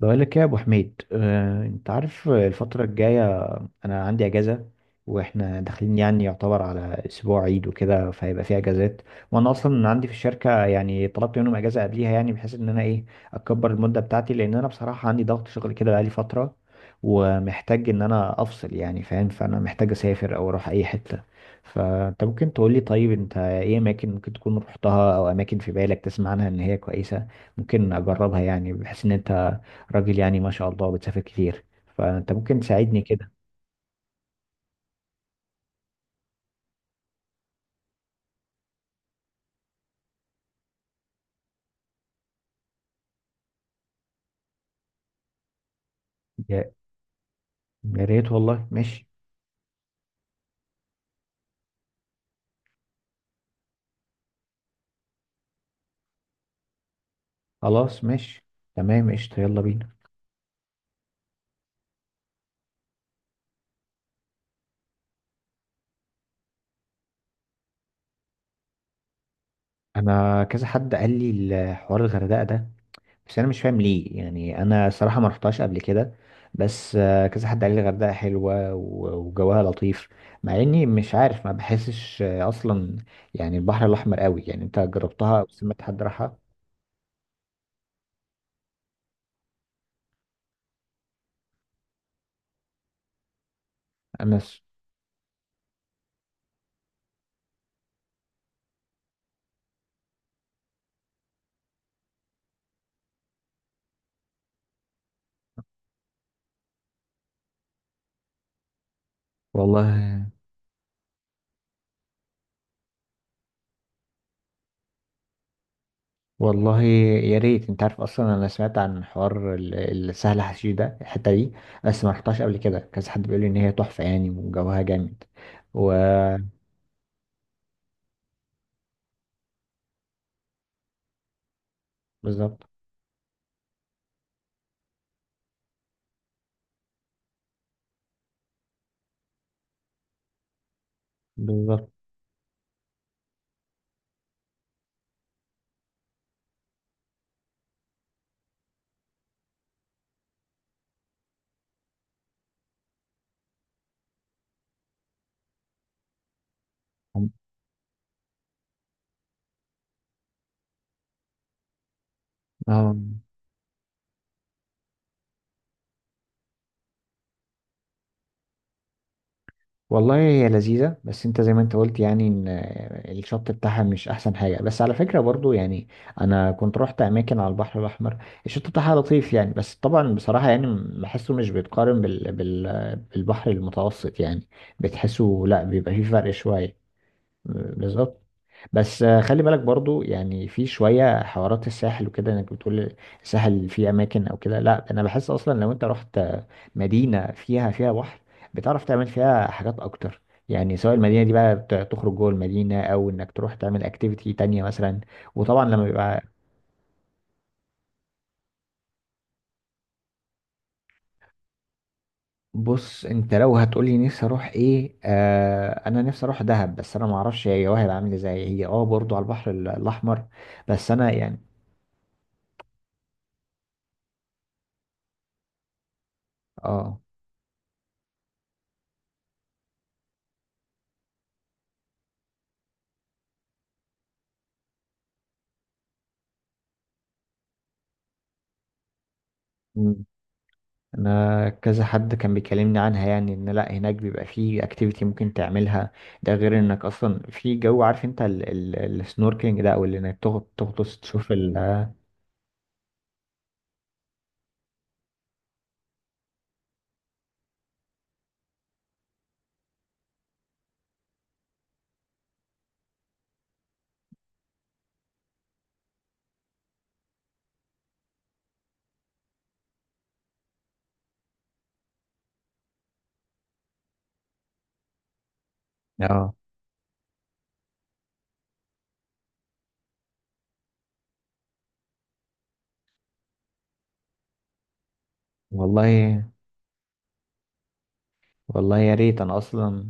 بقول لك إيه يا ابو حميد، انت عارف الفتره الجايه. انا عندي اجازه واحنا داخلين، يعني يعتبر على اسبوع عيد وكده، فهيبقى في اجازات. وانا اصلا عندي في الشركه يعني طلبت منهم اجازه قبليها، يعني بحيث ان انا ايه، اكبر المده بتاعتي، لان انا بصراحه عندي ضغط شغل كده بقالي فتره ومحتاج ان انا افصل يعني، فاهم؟ فانا محتاج اسافر او اروح اي حته. فانت ممكن تقول لي، طيب انت ايه اماكن ممكن تكون رحتها، او اماكن في بالك تسمع عنها ان هي كويسه ممكن اجربها، يعني بحيث ان انت راجل يعني ما شاء الله بتسافر كتير، فانت ممكن تساعدني كده. يا يا ريت والله. ماشي. خلاص ماشي، تمام، قشطة، يلا بينا. انا كذا حد قال لي الحوار الغردقة ده، بس انا مش فاهم ليه، يعني انا صراحة ما رحتهاش قبل كده. بس كذا حد قال لي الغردقة حلوة وجوها لطيف، مع اني مش عارف، ما بحسش اصلا يعني البحر الاحمر قوي. يعني انت جربتها او سمعت حد راحها؟ انا س- والله. يا ريت. انت عارف اصلا انا سمعت عن حوار السهل حشيش ده، الحته دي، بس ما رحتهاش قبل كده. كذا حد بيقول لي ان هي تحفه يعني وجوها جامد و... بالظبط. بالظبط. اه. والله هي لذيذه، بس انت زي ما انت قلت يعني ان الشط بتاعها مش احسن حاجه، بس على فكره برضو يعني انا كنت رحت اماكن على البحر الاحمر الشط بتاعها لطيف يعني، بس طبعا بصراحه يعني بحسه مش بيتقارن بالبحر المتوسط يعني. بتحسه لا، بيبقى فيه فرق شويه. بالظبط. بس خلي بالك برضو، يعني في شوية حوارات الساحل وكده انك بتقول الساحل فيه اماكن او كده. لا، انا بحس اصلا لو انت رحت مدينة فيها بحر، بتعرف تعمل فيها حاجات اكتر يعني، سواء المدينة دي بقى تخرج جوه المدينة، او انك تروح تعمل اكتيفيتي تانية مثلا. وطبعا لما بيبقى... بص، انت لو هتقولي نفسي اروح ايه، آه انا نفسي اروح دهب، بس انا معرفش هي وهي عامل ازاي. هي برضو على البحر الاحمر. بس انا يعني... اه انا كذا حد كان بيكلمني عنها، يعني ان لا هناك بيبقى فيه اكتيفيتي ممكن تعملها. ده غير انك اصلا في جو، عارف انت السنوركلينج ده، او اللي انك تغطس تشوف ال... اه. والله. يا ريت انا اصلا.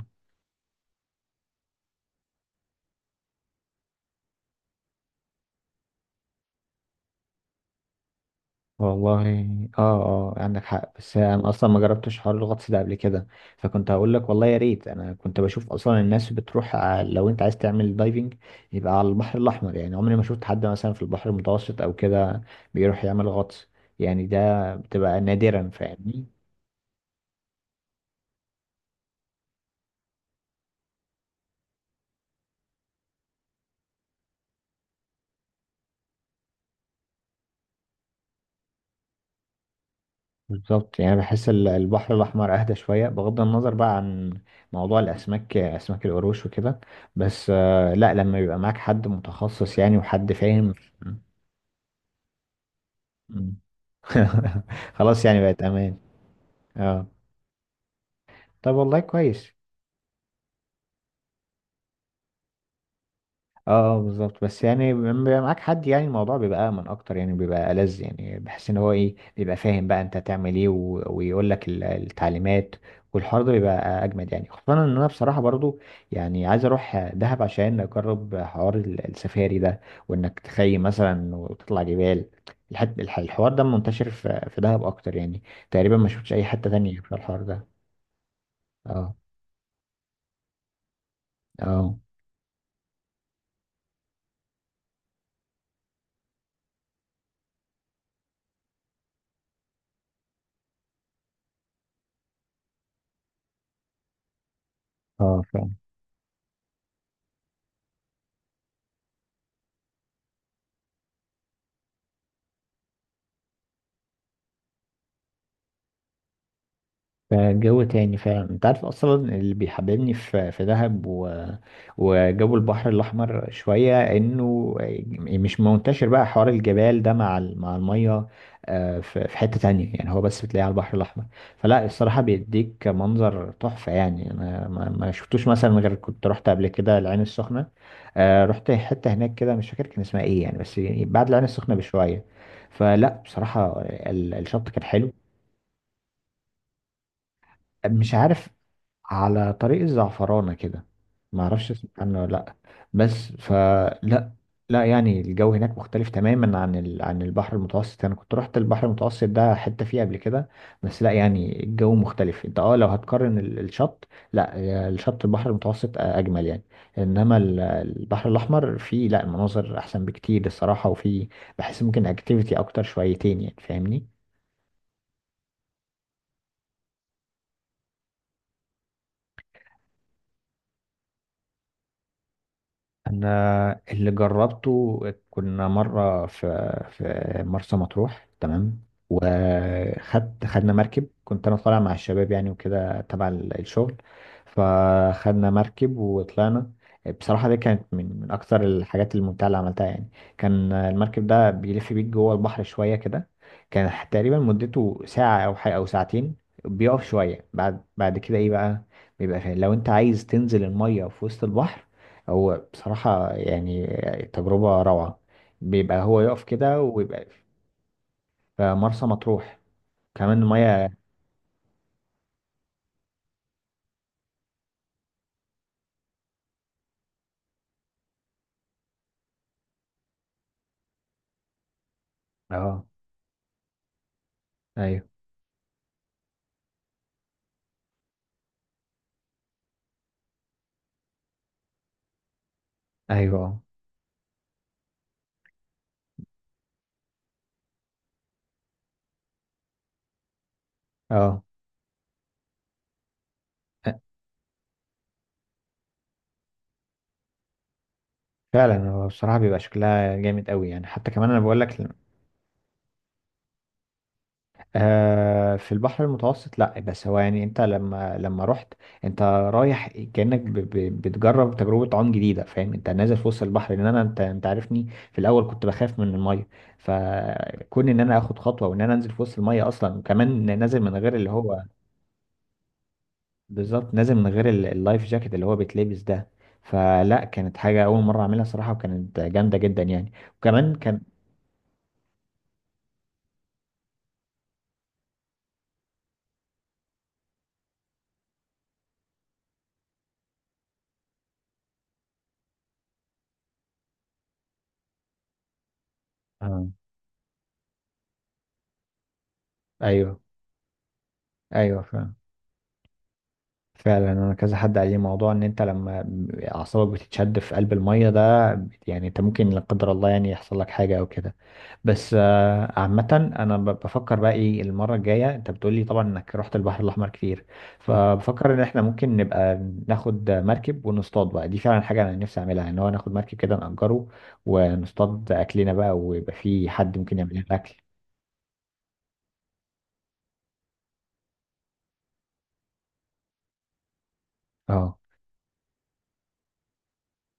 والله. اه. اه، عندك حق. بس انا اصلا ما جربتش حوار الغطس ده قبل كده، فكنت هقول لك والله يا ريت. انا كنت بشوف اصلا الناس بتروح، لو انت عايز تعمل دايفنج يبقى على البحر الاحمر، يعني عمري ما شفت حد مثلا في البحر المتوسط او كده بيروح يعمل غطس، يعني ده بتبقى نادرا، فاهمني؟ بالظبط، يعني بحس البحر الاحمر اهدى شويه، بغض النظر بقى عن موضوع الاسماك، اسماك القروش وكده. بس لا، لما يبقى معاك حد متخصص يعني وحد فاهم. خلاص، يعني بقت امان. اه. طب والله كويس. اه، بالظبط. بس يعني لما بيبقى معاك حد، يعني الموضوع بيبقى امن اكتر، يعني بيبقى ألذ، يعني بحس ان هو ايه، بيبقى فاهم بقى انت هتعمل ايه، ويقول لك التعليمات. والحوار ده بيبقى اجمد، يعني خصوصا ان انا بصراحه برضو يعني عايز اروح دهب عشان اجرب حوار السفاري ده، وانك تخيم مثلا وتطلع جبال. الحوار ده منتشر في دهب اكتر يعني، تقريبا ما شفتش اي حته تانية في الحوار ده. اه. اه. اه. فجو تاني فعلا. انت عارف اصلا اللي بيحببني في دهب و... وجو البحر الاحمر شويه، انه مش منتشر بقى حوار الجبال ده مع الميه في في حته تانية يعني، هو بس بتلاقيه على البحر الاحمر. فلا الصراحه بيديك منظر تحفه يعني، انا ما شفتوش مثلا غير كنت رحت قبل كده العين السخنه. رحت حته هناك كده، مش فاكر كان اسمها ايه يعني، بس يعني بعد العين السخنه بشويه. فلا بصراحه الشط كان حلو. مش عارف. على طريق الزعفرانة كده، ما اعرفش اسمه عنه ولا لا. بس فلا، لا يعني الجو هناك مختلف تماما عن عن البحر المتوسط. انا كنت رحت البحر المتوسط ده حتة فيه قبل كده، بس لا يعني الجو مختلف. انت اه لو هتقارن الشط، لا الشط البحر المتوسط اجمل يعني، انما البحر الاحمر فيه لا مناظر احسن بكتير الصراحة، وفيه بحس ممكن اكتيفيتي اكتر شويتين، يعني فاهمني؟ انا اللي جربته، كنا مره في في مرسى مطروح، تمام؟ خدنا مركب، كنت انا طالع مع الشباب يعني وكده تبع الشغل، فخدنا مركب وطلعنا. بصراحه دي كانت من اكثر الحاجات الممتعه اللي عملتها يعني. كان المركب ده بيلف بيك جوه البحر شويه كده، كان تقريبا مدته ساعه او حاجه او ساعتين، بيقف شويه، بعد كده ايه بقى، بيبقى فيه لو انت عايز تنزل الميه في وسط البحر. هو بصراحة يعني تجربة روعة. بيبقى هو يقف كده ويبقى... في مرسى مطروح. كمان المية. اه. ايوه، ايوه. اه، فعلا. هو بصراحة بيبقى شكلها جامد قوي يعني، حتى كمان انا بقول لك في البحر المتوسط لا، بس هو يعني انت لما رحت، انت رايح كأنك ب بتجرب تجربة عوم جديدة، فاهم؟ انت نازل في وسط البحر. لان انا، انت عارفني في الاول كنت بخاف من المية، فكون ان انا اخد خطوة وان انا انزل في وسط المية اصلا، وكمان نازل من غير اللي هو... بالظبط، نازل من غير اللايف جاكيت اللي هو بيتلبس ده. فلا كانت حاجة اول مرة اعملها صراحة، وكانت جامدة جدا يعني. وكمان كان آه. ايوه. ايوه، فاهم. فعلا. انا كذا حد قال لي موضوع ان انت لما اعصابك بتتشد في قلب الميه ده، يعني انت ممكن لا قدر الله يعني يحصل لك حاجه او كده. بس عامه انا بفكر بقى ايه المره الجايه. انت بتقول لي طبعا انك رحت البحر الاحمر كتير، فبفكر ان احنا ممكن نبقى... ناخد مركب ونصطاد بقى. دي فعلا حاجه انا نفسي اعملها، ان هو ناخد مركب كده نأجره ونصطاد اكلنا بقى، ويبقى في حد ممكن يعمل لنا الاكل.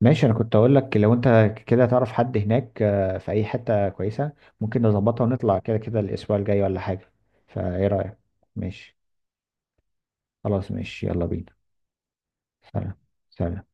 ماشي. انا كنت اقول لك لو انت كده تعرف حد هناك في اي حتة كويسة ممكن نظبطها ونطلع كده كده الاسبوع الجاي ولا حاجة. فايه رأيك؟ ماشي. خلاص ماشي، يلا بينا. سلام. سلام.